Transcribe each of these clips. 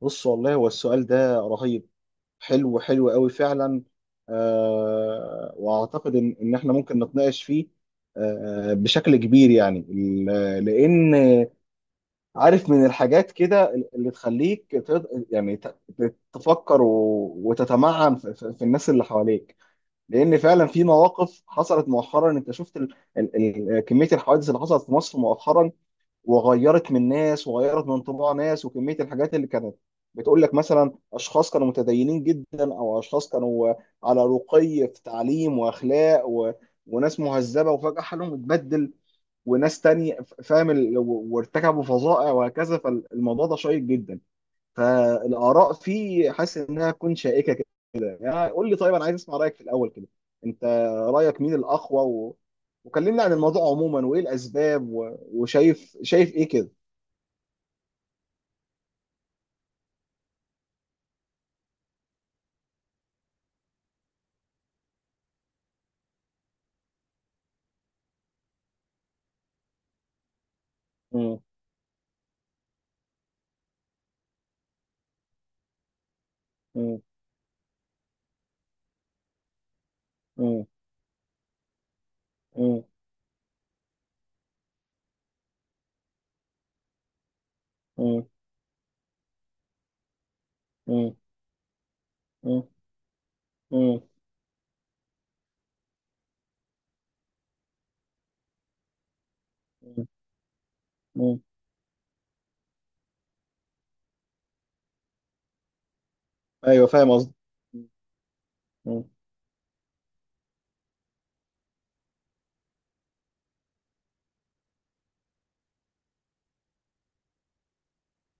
بص، والله هو السؤال ده رهيب. حلو حلو قوي فعلا. واعتقد ان احنا ممكن نتناقش فيه بشكل كبير، يعني لان، عارف، من الحاجات كده اللي تخليك تفكر وتتمعن في الناس اللي حواليك، لان فعلا في مواقف حصلت مؤخرا. انت شفت كمية الحوادث اللي حصلت في مصر مؤخرا، وغيرت من ناس، وغيرت من طباع ناس، وكميه الحاجات اللي كانت بتقول لك مثلا اشخاص كانوا متدينين جدا، او اشخاص كانوا على رقي في تعليم واخلاق، وناس مهذبه، وفجاه حالهم اتبدل. وناس تانية وارتكبوا فظائع وهكذا. فالموضوع ده شيق جدا، فالاراء فيه حاسس انها تكون شائكه كده. يعني قول لي، طيب انا عايز اسمع رايك في الاول كده. انت، رايك مين الاقوى، وكلمنا عن الموضوع عموما وايه الاسباب، وشايف شايف ايه كده؟ مم. مم. مم. مم. مم. مم. مم. مم. مم. ايوه، فاهم قصدي. مم.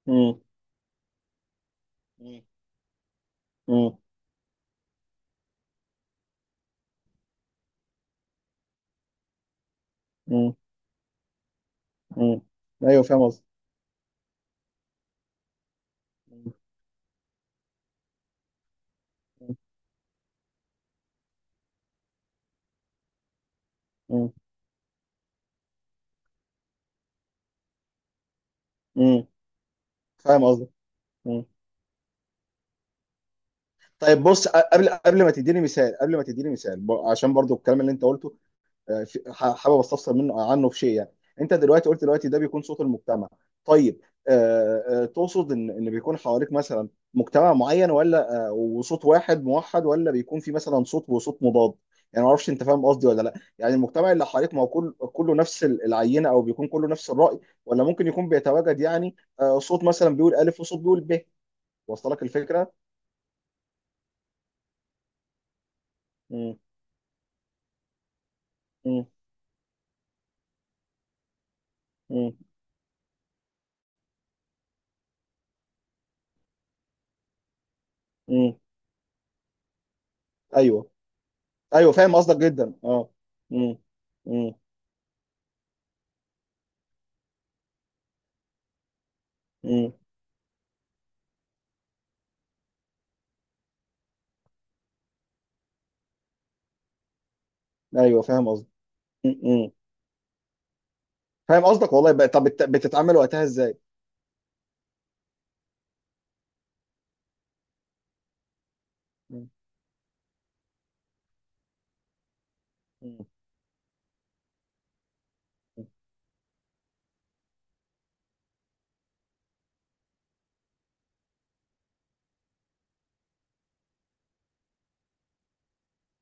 مم. مم. مم. مم. مم. ايوه، فاهم قصدي. مم. مم. مم. فاهم قصدي. مم. طيب، بص قبل ما تديني مثال عشان برضو الكلام اللي انت قلته، حابب استفسر منه عنه في شيء، يعني انت دلوقتي قلت دلوقتي ده بيكون صوت المجتمع. طيب، تقصد ان بيكون حواليك مثلا مجتمع معين، ولا وصوت واحد موحد، ولا بيكون في مثلا صوت وصوت مضاد؟ يعني ما اعرفش، انت فاهم قصدي ولا لا؟ يعني المجتمع اللي حواليك ما هو كله نفس العينه، او بيكون كله نفس الراي، ولا ممكن يكون بيتواجد، يعني صوت مثلا بيقول الف وصوت بيقول ب. وصل لك الفكره؟ مم. مم. مم. مم. ايوه، ايوه فاهم قصدك جدا، اه. مم. مم. مم. ايوه، فاهم قصدك. م- م. فاهم قصدك، والله. بقى طب بتتعامل وقتها ازاي؟ م- م-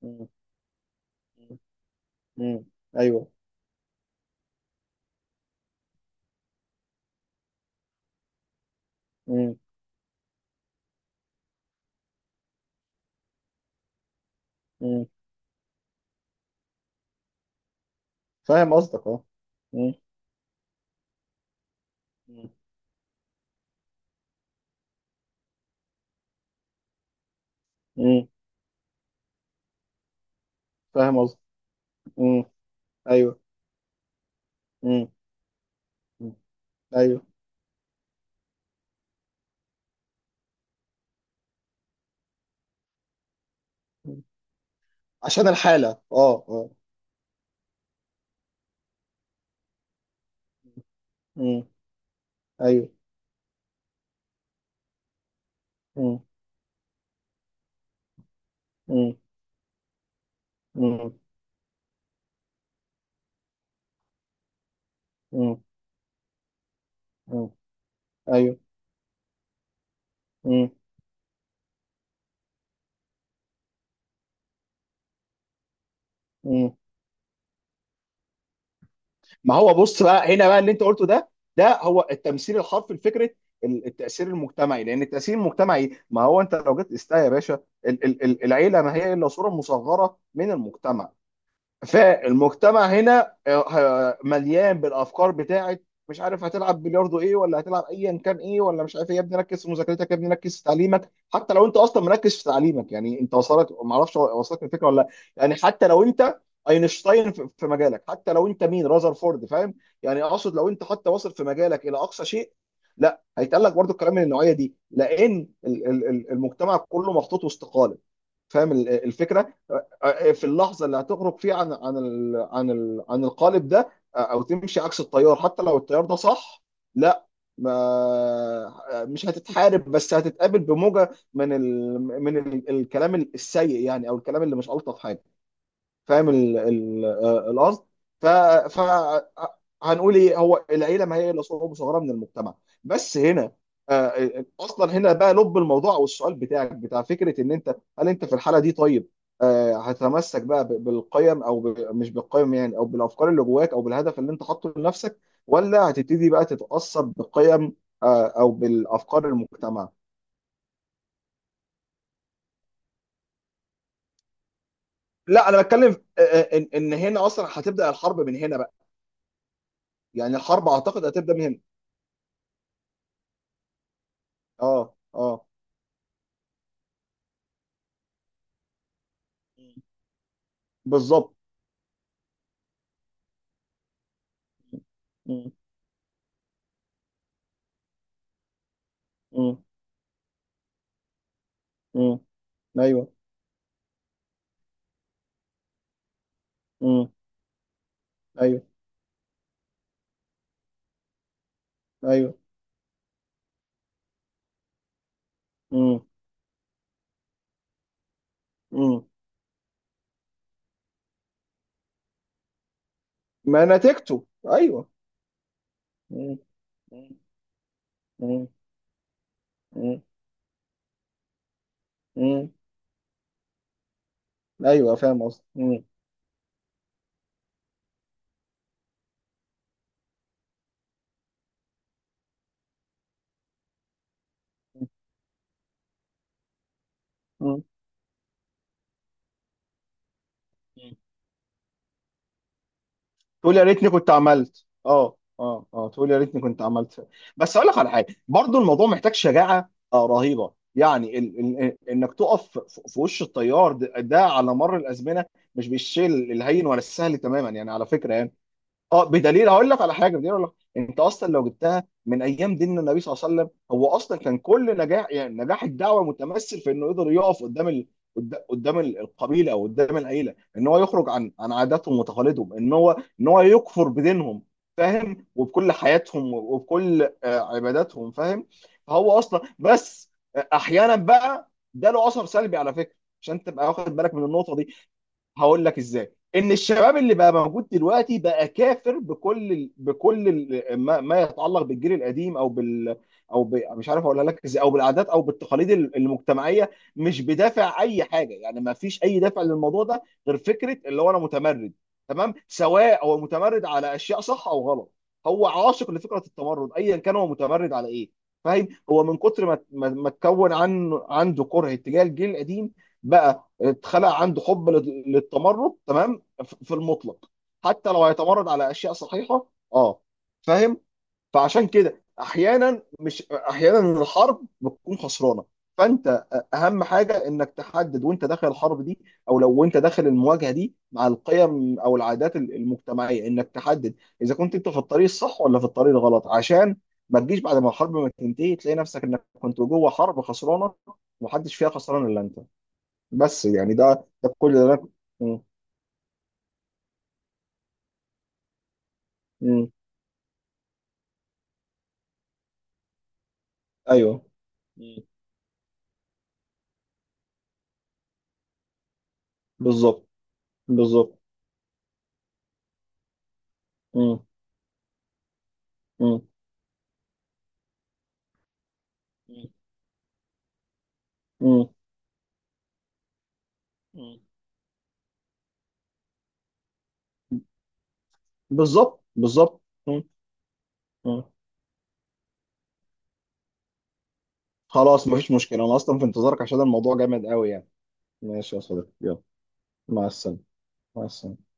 م- م- م. ايوه. م- م. فاهم قصدك، اه. م- م- م. فاهم قصدك. م. ايوه. م- م. ايوه. م. عشان الحالة، اه، اه. م. ايوه. م- م. م. م. م. ايوه. م. م. ما هو بص بقى، هنا بقى اللي انت قلته ده، ده هو التمثيل الحرفي لفكره التاثير المجتمعي. لان التاثير المجتمعي ما هو، انت لو جيت استا يا باشا، العيله ما هي الا صوره مصغره من المجتمع. فالمجتمع هنا مليان بالافكار بتاعت مش عارف هتلعب بلياردو ايه، ولا هتلعب ايا كان ايه، ولا مش عارف ايه. يا ابني ركز في مذاكرتك، يا ابني ركز في تعليمك، حتى لو انت اصلا مركز في تعليمك. يعني انت وصلت، ما اعرفش وصلت الفكره ولا لا؟ يعني حتى لو انت اينشتاين في مجالك، حتى لو انت مين، رازرفورد، فاهم؟ يعني اقصد لو انت حتى واصل في مجالك الى اقصى شيء، لا، هيتقال لك برضو الكلام من النوعيه دي، لان المجتمع كله محطوط وسط قالب. فاهم الفكره؟ في اللحظه اللي هتخرج فيها عن القالب ده، او تمشي عكس التيار حتى لو التيار ده صح، لا، ما آه، مش هتتحارب، بس هتتقابل بموجه من ال الكلام السيء، يعني او الكلام اللي مش الطف حاجه. فاهم القصد؟ ف ف هنقول ايه، هو العيله ما هي الا صعوبه صغيره من المجتمع. بس هنا، اصلا هنا بقى لب الموضوع، والسؤال بتاعك بتاع فكره ان انت هل انت في الحاله دي، طيب، هتتمسك بقى بالقيم، او مش بالقيم يعني، او بالافكار اللي جواك، او بالهدف اللي انت حاطه لنفسك، ولا هتبتدي بقى تتاثر بقيم، او بالافكار المجتمع؟ لا، انا بتكلم، ان هنا اصلا هتبدا الحرب من هنا بقى. يعني الحرب اعتقد هتبدا من هنا. اه، اه. مم. بالظبط. مم. مم. مم. ايوه. مم. ايوه، ايوه. مم. مم. ما نتيجته. ايوه. مم. مم. مم. مم. ايوه، فاهم قصدي. مم. مم. تقول يا ريتني كنت عملت، تقول يا ريتني كنت عملت. بس اقول لك على حاجه، برضو الموضوع محتاج شجاعه رهيبه، يعني ال انك تقف في وش التيار ده، ده على مر الازمنه، مش بالشيء الهين ولا السهل تماما، يعني على فكره يعني. اه، بدليل هقول لك على حاجه، بدليل اقول لك، انت اصلا لو جبتها من ايام دين النبي صلى الله عليه وسلم، هو اصلا كان كل نجاح، يعني نجاح الدعوه، متمثل في انه يقدر يقف قدام قدام القبيله او قدام العيله، ان هو يخرج عن عاداتهم وتقاليدهم، ان هو يكفر بدينهم. فاهم؟ وبكل حياتهم وبكل عباداتهم، فاهم. فهو اصلا، بس احيانا بقى ده له اثر سلبي على فكره، عشان تبقى واخد بالك من النقطه دي. هقول لك ازاي. ان الشباب اللي بقى موجود دلوقتي بقى كافر بكل ما يتعلق بالجيل القديم، او بال، او مش عارف اقولها لك ازاي، او بالعادات، او بالتقاليد المجتمعيه، مش بدافع اي حاجه، يعني ما فيش اي دافع للموضوع ده غير فكره اللي هو، انا متمرد. تمام، سواء هو متمرد على اشياء صح او غلط، هو عاشق لفكره التمرد ايا كان هو متمرد على ايه. فاهم، هو من كتر ما اتكون عنه، عنده كره اتجاه الجيل القديم بقى، اتخلق عنده حب للتمرد، تمام، في المطلق، حتى لو هيتمرد على اشياء صحيحه، اه. فاهم. فعشان كده احيانا، مش احيانا، الحرب بتكون خسرانه. فانت، اهم حاجه انك تحدد وانت داخل الحرب دي، او لو وانت داخل المواجهه دي مع القيم او العادات المجتمعيه، انك تحدد اذا كنت انت في الطريق الصح ولا في الطريق الغلط، عشان ما تجيش بعد ما الحرب ما تنتهي تلاقي نفسك انك كنت جوه حرب خسرانه، ومحدش فيها خسران الا انت. بس يعني ده كل اللي انا. مم. مم. ايوه. مم. بالظبط، بالظبط. مم. مم. مم. مم. بالظبط، بالظبط. مم. مم. خلاص، مفيش مشكلة، انا اصلا في انتظارك عشان الموضوع جامد قوي، يعني. ماشي يا صديقي، يلا. مع السلامة. مع السلامة.